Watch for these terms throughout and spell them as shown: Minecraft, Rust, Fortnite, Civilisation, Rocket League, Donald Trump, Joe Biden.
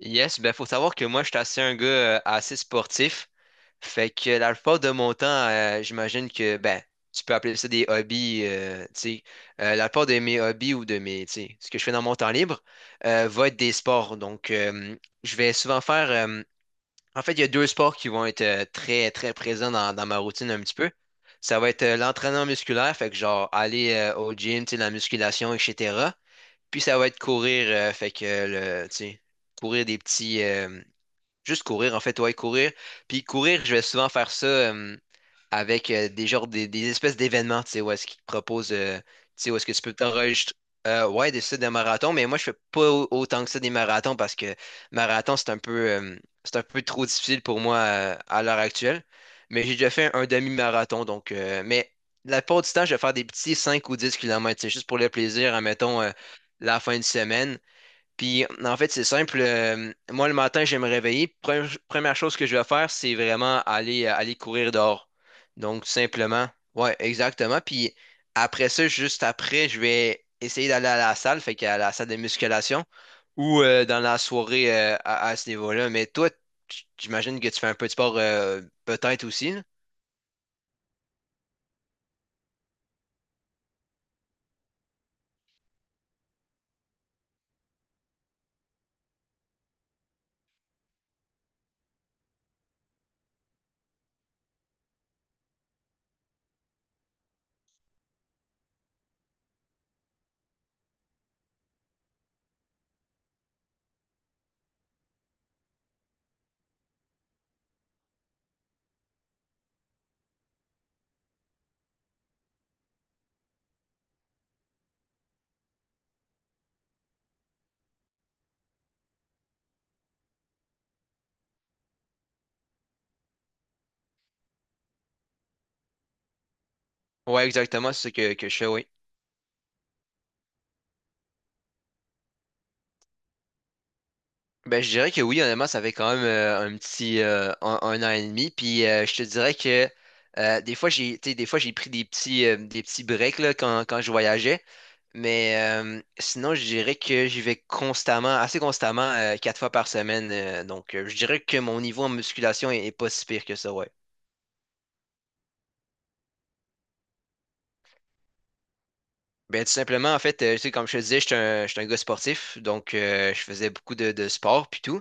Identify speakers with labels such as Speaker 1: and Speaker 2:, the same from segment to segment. Speaker 1: Yes, ben faut savoir que moi, je suis assez un gars assez sportif. Fait que la plupart de mon temps, j'imagine que ben, tu peux appeler ça des hobbies, tu sais. La plupart de mes hobbies ou de mes, tu sais, ce que je fais dans mon temps libre, va être des sports. Donc, je vais souvent faire. En fait, il y a deux sports qui vont être très, très présents dans ma routine un petit peu. Ça va être l'entraînement musculaire, fait que genre aller au gym, tu sais, la musculation, etc. Puis ça va être courir, fait que le, tu sais, courir des petits. Juste courir, en fait, ouais, courir. Puis courir, je vais souvent faire ça avec des genres des espèces d'événements, tu sais, où est-ce qu'ils te proposent, tu sais, où est-ce que tu peux t'enregistrer. Ouais, des ça, des marathons, mais moi, je fais pas autant que ça des marathons parce que marathon, c'est un peu trop difficile pour moi à l'heure actuelle. Mais j'ai déjà fait un demi-marathon, donc, mais la plupart du temps, je vais faire des petits 5 ou 10 kilomètres, c'est juste pour le plaisir, admettons, la fin de semaine. Puis en fait, c'est simple. Moi, le matin, je vais me réveiller. Première chose que je vais faire, c'est vraiment aller, aller courir dehors. Donc, tout simplement. Ouais, exactement. Puis après ça, juste après, je vais essayer d'aller à la salle, fait qu'à la salle de musculation ou dans la soirée à ce niveau-là. Mais toi, j'imagine que tu fais un peu de sport peut-être aussi, là. Ouais, exactement. C'est ce que je fais, oui. Ben, je dirais que oui, honnêtement, ça fait quand même un petit un, 1 an et demi. Puis je te dirais que des fois j'ai, tu sais, des fois j'ai pris des petits breaks là, quand, quand je voyageais. Mais sinon, je dirais que j'y vais constamment, assez constamment, quatre fois par semaine. Donc je dirais que mon niveau en musculation est, est pas si pire que ça, ouais. Ben, tout simplement, en fait, tu sais, comme je te disais, je suis un gars sportif, donc je faisais beaucoup de sport puis tout.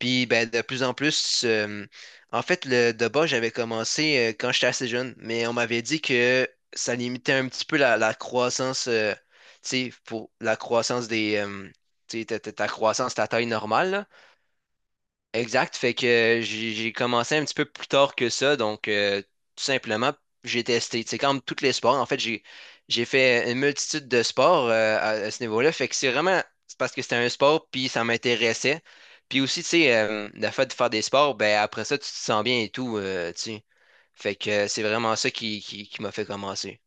Speaker 1: Puis ben, de plus en plus, en fait, le de bas, j'avais commencé quand j'étais assez jeune, mais on m'avait dit que ça limitait un petit peu la, la croissance, tu sais, pour la croissance des, tu sais, ta, ta croissance, ta taille normale, là. Exact, fait que j'ai commencé un petit peu plus tard que ça, donc tout simplement, j'ai testé, c'est comme tous les sports, en fait, j'ai fait une multitude de sports à ce niveau-là, fait que c'est vraiment, c'est parce que c'était un sport, puis ça m'intéressait, puis aussi, tu sais, la fait de faire des sports, ben après ça, tu te sens bien et tout, tu sais, fait que c'est vraiment ça qui m'a fait commencer.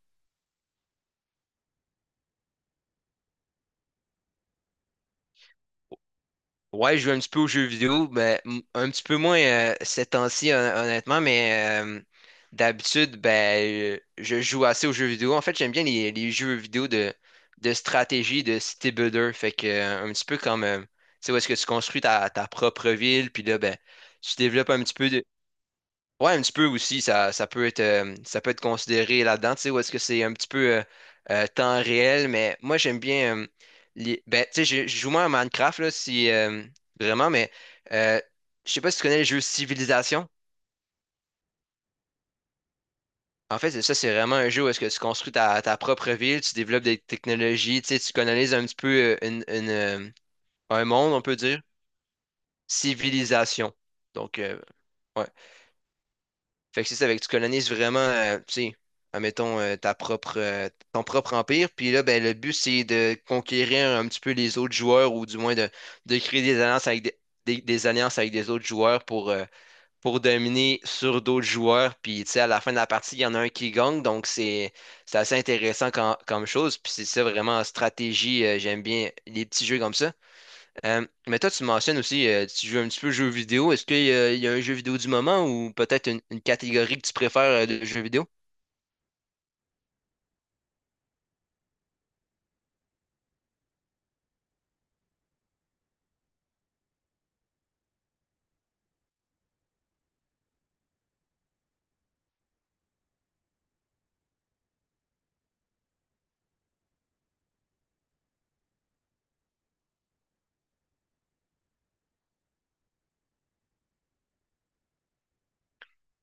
Speaker 1: Ouais, je joue un petit peu aux jeux vidéo, ben, un petit peu moins ces temps-ci, honnêtement, mais d'habitude, ben, je joue assez aux jeux vidéo. En fait, j'aime bien les jeux vidéo de stratégie, de city builder. Fait que, un petit peu comme, tu sais, où est-ce que tu construis ta, ta propre ville, puis là, ben, tu développes un petit peu de. Ouais, un petit peu aussi, ça, ça peut être considéré là-dedans, tu sais, où est-ce que c'est un petit peu temps réel, mais moi j'aime bien, les- ben, tu sais, je joue moins à Minecraft, là, si, vraiment, mais euh, je sais pas si tu connais le jeu Civilisation. En fait, ça, c'est vraiment un jeu où est-ce que tu construis ta, ta propre ville, tu développes des technologies, tu sais, tu colonises un petit peu une, un monde, on peut dire. Civilisation. Donc, ouais. Fait que c'est ça, fait que tu colonises vraiment, tu sais, admettons, ta propre, ton propre empire. Puis là, ben, le but, c'est de conquérir un petit peu les autres joueurs ou du moins de créer des alliances avec des, des alliances avec des autres joueurs pour dominer sur d'autres joueurs. Puis, tu sais, à la fin de la partie, il y en a un qui gagne. Donc, c'est assez intéressant comme chose. Puis, c'est ça vraiment en stratégie. J'aime bien les petits jeux comme ça. Mais toi, tu mentionnes aussi, tu joues un petit peu aux jeux vidéo. Est-ce qu'il y a, il y a un jeu vidéo du moment ou peut-être une catégorie que tu préfères de jeux vidéo?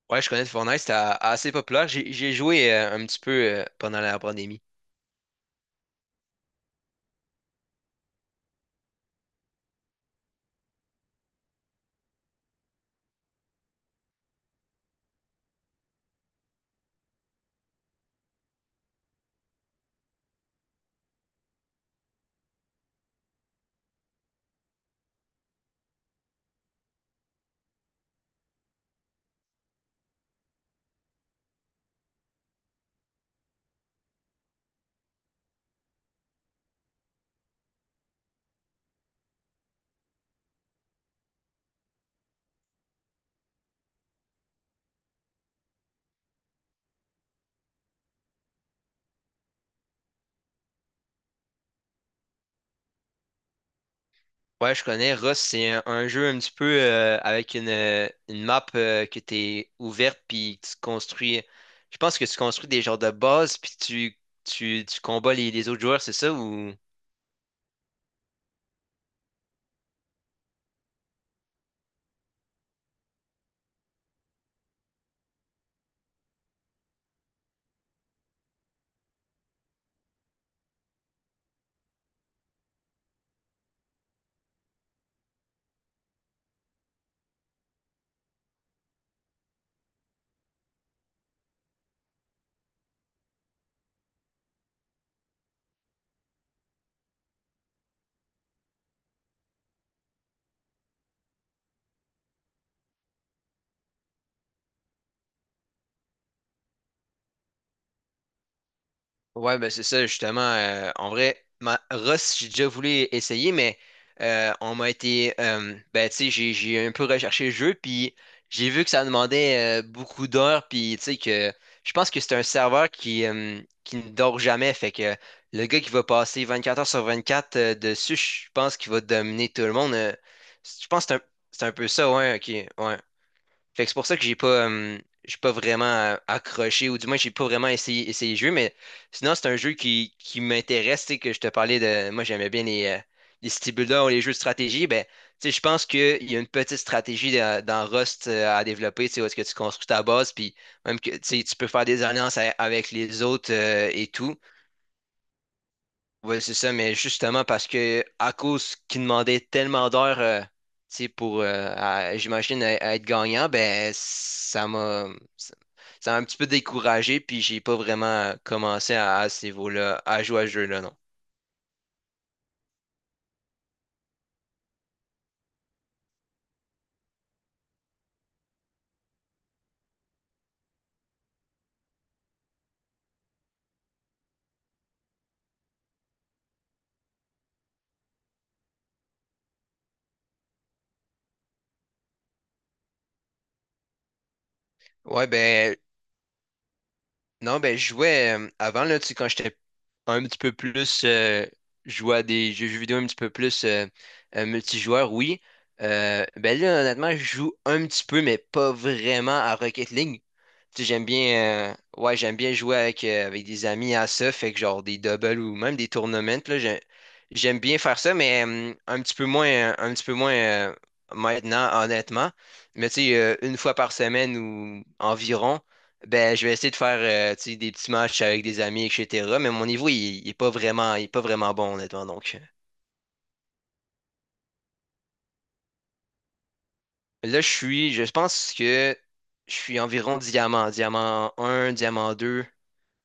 Speaker 1: Ouais, je connais Fortnite, c'est assez populaire. J'ai joué un petit peu pendant la pandémie. Ouais, je connais. Rust, c'est un jeu un petit peu avec une map que t'es ouverte, puis que tu construis. Je pense que tu construis des genres de bases, puis tu combats les autres joueurs, c'est ça? Ou… Ouais, ben c'est ça, justement. En vrai, ma Rust, j'ai déjà voulu essayer, mais on m'a été. Ben, tu sais, j'ai un peu recherché le jeu, puis j'ai vu que ça demandait beaucoup d'heures, puis tu sais, que je pense que c'est un serveur qui ne dort jamais. Fait que le gars qui va passer 24 heures sur 24 dessus, je pense qu'il va dominer tout le monde. Je pense que c'est un peu ça, ouais, ok. Ouais. Fait que c'est pour ça que j'ai pas vraiment accroché, ou du moins j'ai pas vraiment essayé, essayé le jeu, mais sinon c'est un jeu qui m'intéresse, tu sais, que je te parlais de. Moi j'aimais bien les city builders ou les jeux de stratégie. Ben, tu sais, je pense qu'il y a une petite stratégie dans, dans Rust à développer, tu sais, où est-ce que tu construis ta base, puis même que tu sais, tu peux faire des alliances avec les autres et tout. Oui, c'est ça, mais justement parce que à cause qu'ils demandaient tellement d'heures tu sais, pour j'imagine à être gagnant, ben ça m'a ça ça m'a un petit peu découragé, puis j'ai pas vraiment commencé à ce niveau-là, à jouer à ce jeu-là, non. Ouais, ben non, ben je jouais avant là, tu sais, quand j'étais un petit peu plus jouer à des jeux vidéo un petit peu plus multijoueur, oui. Ben là, honnêtement, je joue un petit peu, mais pas vraiment à Rocket League. Tu sais, j'aime bien, ouais, j'aime bien jouer avec, avec des amis à ça, fait que genre des doubles ou même des tournaments, là, j'aime bien faire ça, mais un petit peu moins, un petit peu moins maintenant, honnêtement. Mais tu sais, une fois par semaine ou environ, ben, je vais essayer de faire tu sais, des petits matchs avec des amis, etc. Mais mon niveau, il est pas vraiment, il est pas vraiment bon, honnêtement. Donc, là, je suis, je pense que je suis environ diamant, diamant un diamant 2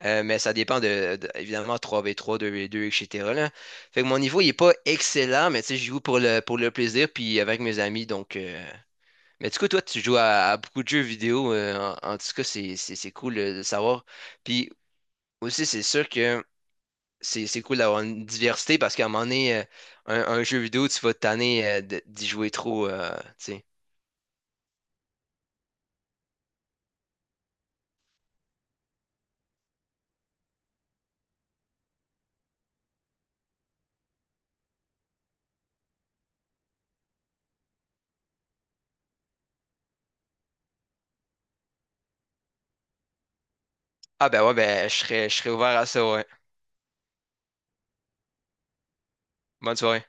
Speaker 1: mais ça dépend de, évidemment, trois v trois deux v 2 etc. là. Fait que mon niveau, il est pas excellent, mais tu sais, je joue pour le plaisir, puis avec mes amis. Donc, mais du coup, toi, tu joues à beaucoup de jeux vidéo. En, en tout cas, c'est cool de savoir. Puis aussi, c'est sûr que c'est cool d'avoir une diversité parce qu'à un moment donné, un jeu vidéo, tu vas te tanner d'y jouer trop. Tu sais. Ah ben ouais, ben je serais ouvert à ça, ouais. Bonne soirée.